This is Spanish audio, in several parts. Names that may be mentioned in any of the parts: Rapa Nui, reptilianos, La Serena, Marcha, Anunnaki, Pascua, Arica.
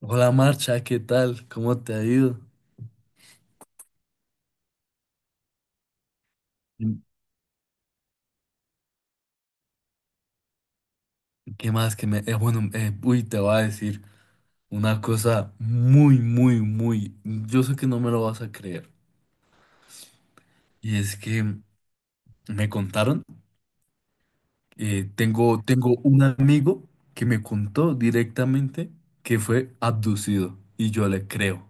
Hola Marcha, ¿qué tal? ¿Cómo te ha ido? Mm, ¿qué más que te voy a decir una cosa muy, muy, yo sé que no me lo vas a creer. Y es que me contaron, tengo un amigo que me contó directamente que fue abducido. Y yo le creo.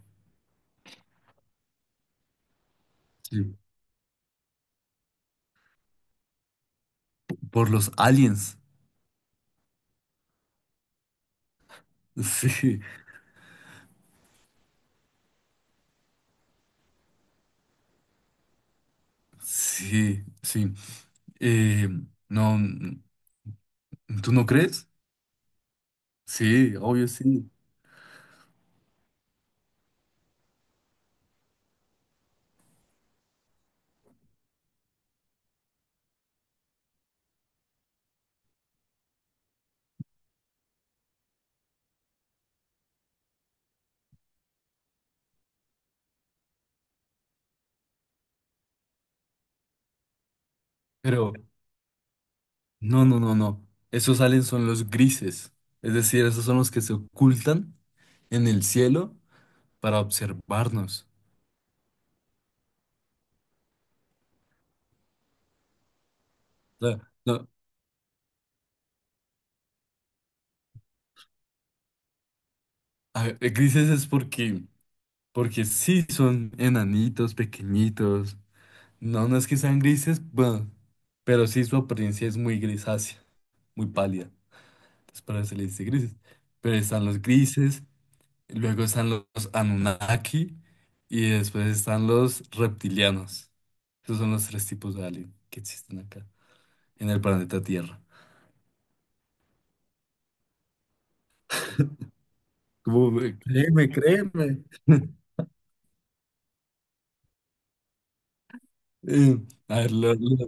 Sí. Por los aliens. Sí, sí, sí. Eh, no, ¿tú no crees? Sí, obvio sí. Pero... no, no, no, no. Esos aliens son los grises. Es decir, esos son los que se ocultan en el cielo para observarnos. O sea, no, a ver, Grises es porque sí son enanitos, pequeñitos. No, no es que sean grises, bueno, pero sí su apariencia es muy grisácea, muy pálida. Entonces, para eso se les dice grises. Pero están los grises, luego están los Anunnaki y después están los reptilianos. Esos son los tres tipos de alien que existen acá en el planeta Tierra. Créeme, créeme. Eh, a ver, lo-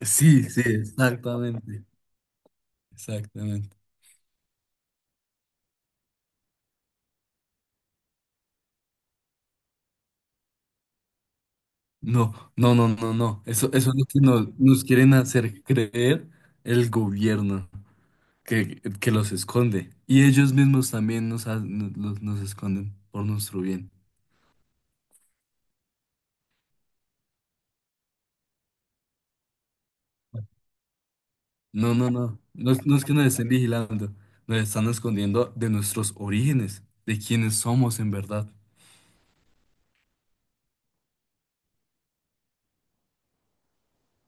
Sí, sí, exactamente, exactamente. No, no, no, no, no. Eso es lo que nos quieren hacer creer el gobierno que los esconde. Y ellos mismos también nos esconden por nuestro bien. No, no, no. No, es no es que nos estén vigilando, nos están escondiendo de nuestros orígenes, de quiénes somos en verdad.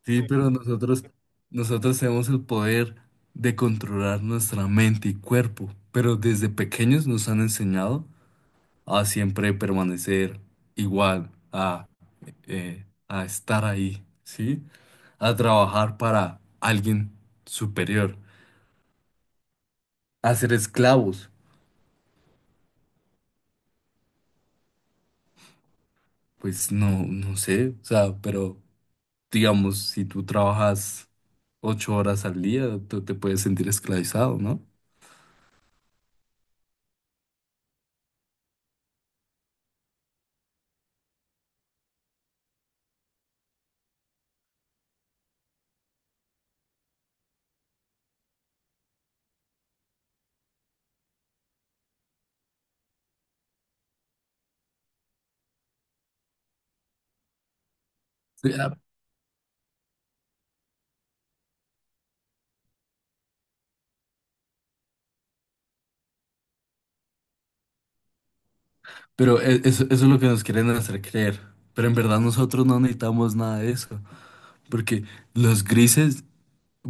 Sí, pero nosotros tenemos el poder de controlar nuestra mente y cuerpo, pero desde pequeños nos han enseñado a siempre permanecer igual, a estar ahí, ¿sí? A trabajar para alguien superior, a ser esclavos. Pues no, no sé, o sea, pero... digamos, si tú trabajas ocho horas al día, tú te puedes sentir esclavizado, ¿no? Sí, pero eso es lo que nos quieren hacer creer. Pero en verdad nosotros no necesitamos nada de eso. Porque los grises,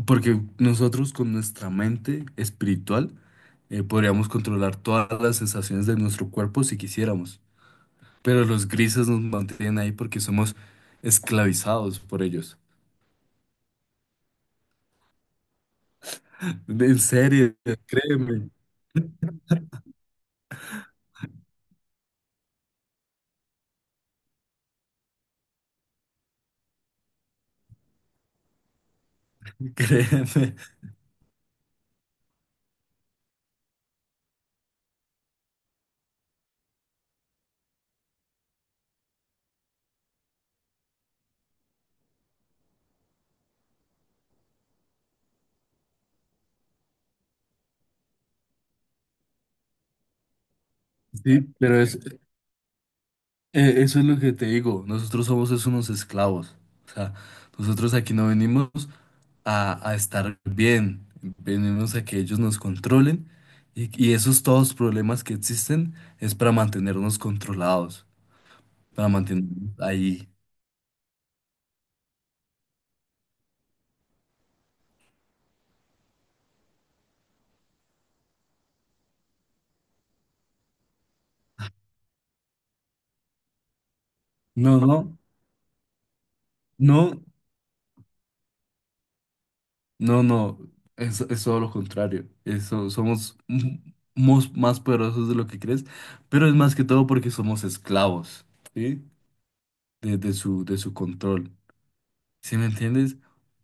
porque nosotros con nuestra mente espiritual podríamos controlar todas las sensaciones de nuestro cuerpo si quisiéramos. Pero los grises nos mantienen ahí porque somos esclavizados por ellos. En serio, créeme, créeme. Sí, pero eso es lo que te digo, nosotros somos es unos esclavos, o sea, nosotros aquí no venimos a estar bien, venimos a que ellos nos controlen y esos todos problemas que existen es para mantenernos controlados, para mantenernos ahí. No, no, no, no, no, es todo lo contrario, eso, más poderosos de lo que crees, pero es más que todo porque somos esclavos, ¿sí? De su control. ¿Sí me entiendes?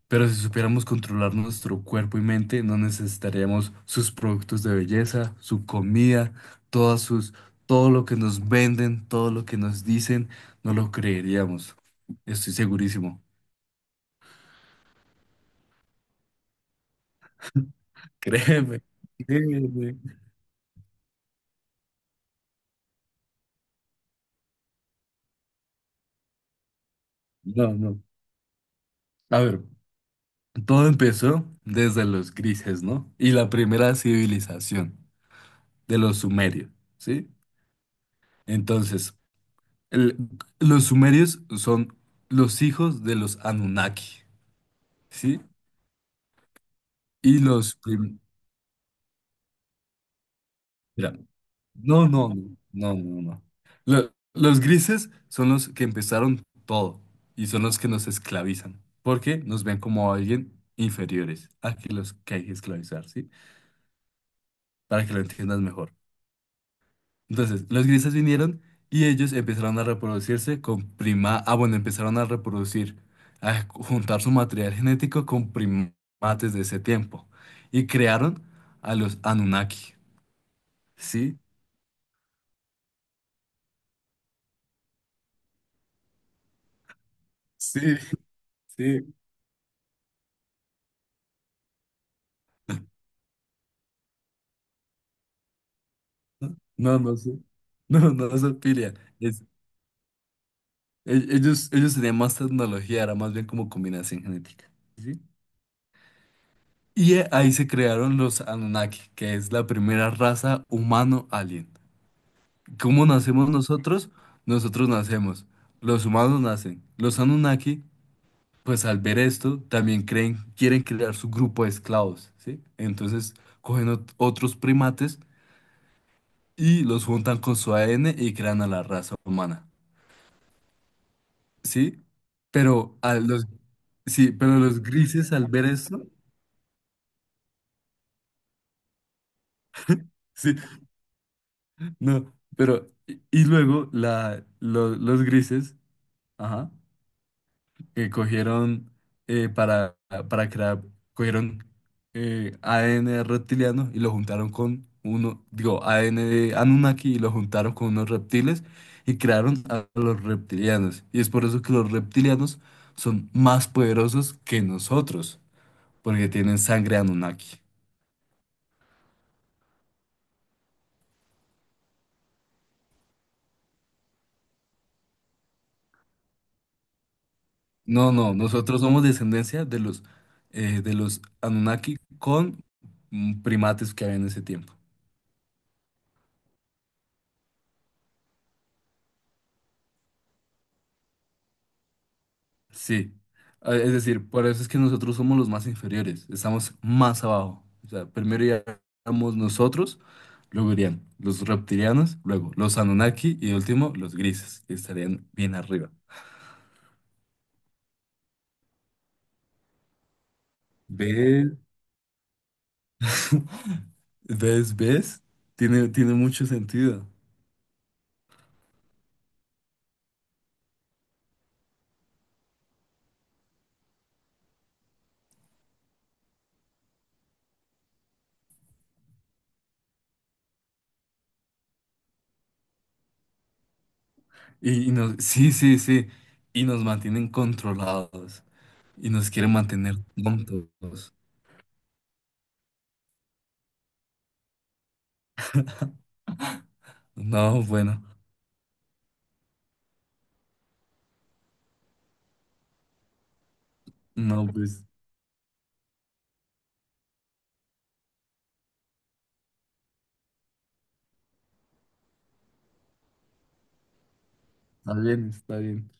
Pero si supiéramos controlar nuestro cuerpo y mente, no necesitaríamos sus productos de belleza, su comida, todas sus, todo lo que nos venden, todo lo que nos dicen, no lo creeríamos. Estoy segurísimo. Créeme, créeme. No, no. A ver, todo empezó desde los grises, ¿no? Y la primera civilización de los sumerios, ¿sí? Entonces, El- los sumerios son los hijos de los Anunnaki, ¿sí? Y los... prim- Mira, no, no, no, no, no, no. Los grises son los que empezaron todo y son los que nos esclavizan, porque nos ven como alguien inferiores a que los que hay que esclavizar, ¿sí? Para que lo entiendas mejor. Entonces, los grises vinieron y ellos empezaron a reproducirse con prima... ah, bueno, empezaron a reproducir, a juntar su material genético con primates de ese tiempo. Y crearon a los Anunnaki. ¿Sí? Sí, sí. No, no sé. No, no es Pilia. Es, Ellos tenían más tecnología, era más bien como combinación genética. ¿Sí? Y ahí se crearon los Anunnaki, que es la primera raza humano-alien. ¿Cómo nacemos nosotros? Nosotros nacemos. Los humanos nacen. Los Anunnaki, pues al ver esto, también creen, quieren crear su grupo de esclavos, ¿sí? Entonces cogen otros primates y los juntan con su ADN y crean a la raza humana, ¿sí? Pero a los, sí, pero los grises al ver esto, sí, no, pero, y luego los grises, ajá, que cogieron eh, para, para crear, cogieron ADN reptiliano y lo juntaron con uno, digo, ADN de Anunnaki y lo juntaron con unos reptiles y crearon a los reptilianos. Y es por eso que los reptilianos son más poderosos que nosotros, porque tienen sangre Anunnaki. No, no, nosotros somos descendencia de los Anunnaki con primates que había en ese tiempo. Sí, ah, es decir, por eso es que nosotros somos los más inferiores, estamos más abajo. O sea, primero iríamos nosotros, luego irían los reptilianos, luego los Anunnaki y de último los grises, que estarían bien arriba. ¿Ves? ¿Ves? ¿Ves? Tiene mucho sentido. Sí, sí, sí, y nos mantienen controlados y nos quieren mantener tontos. No, bueno, no, pues está bien, está bien.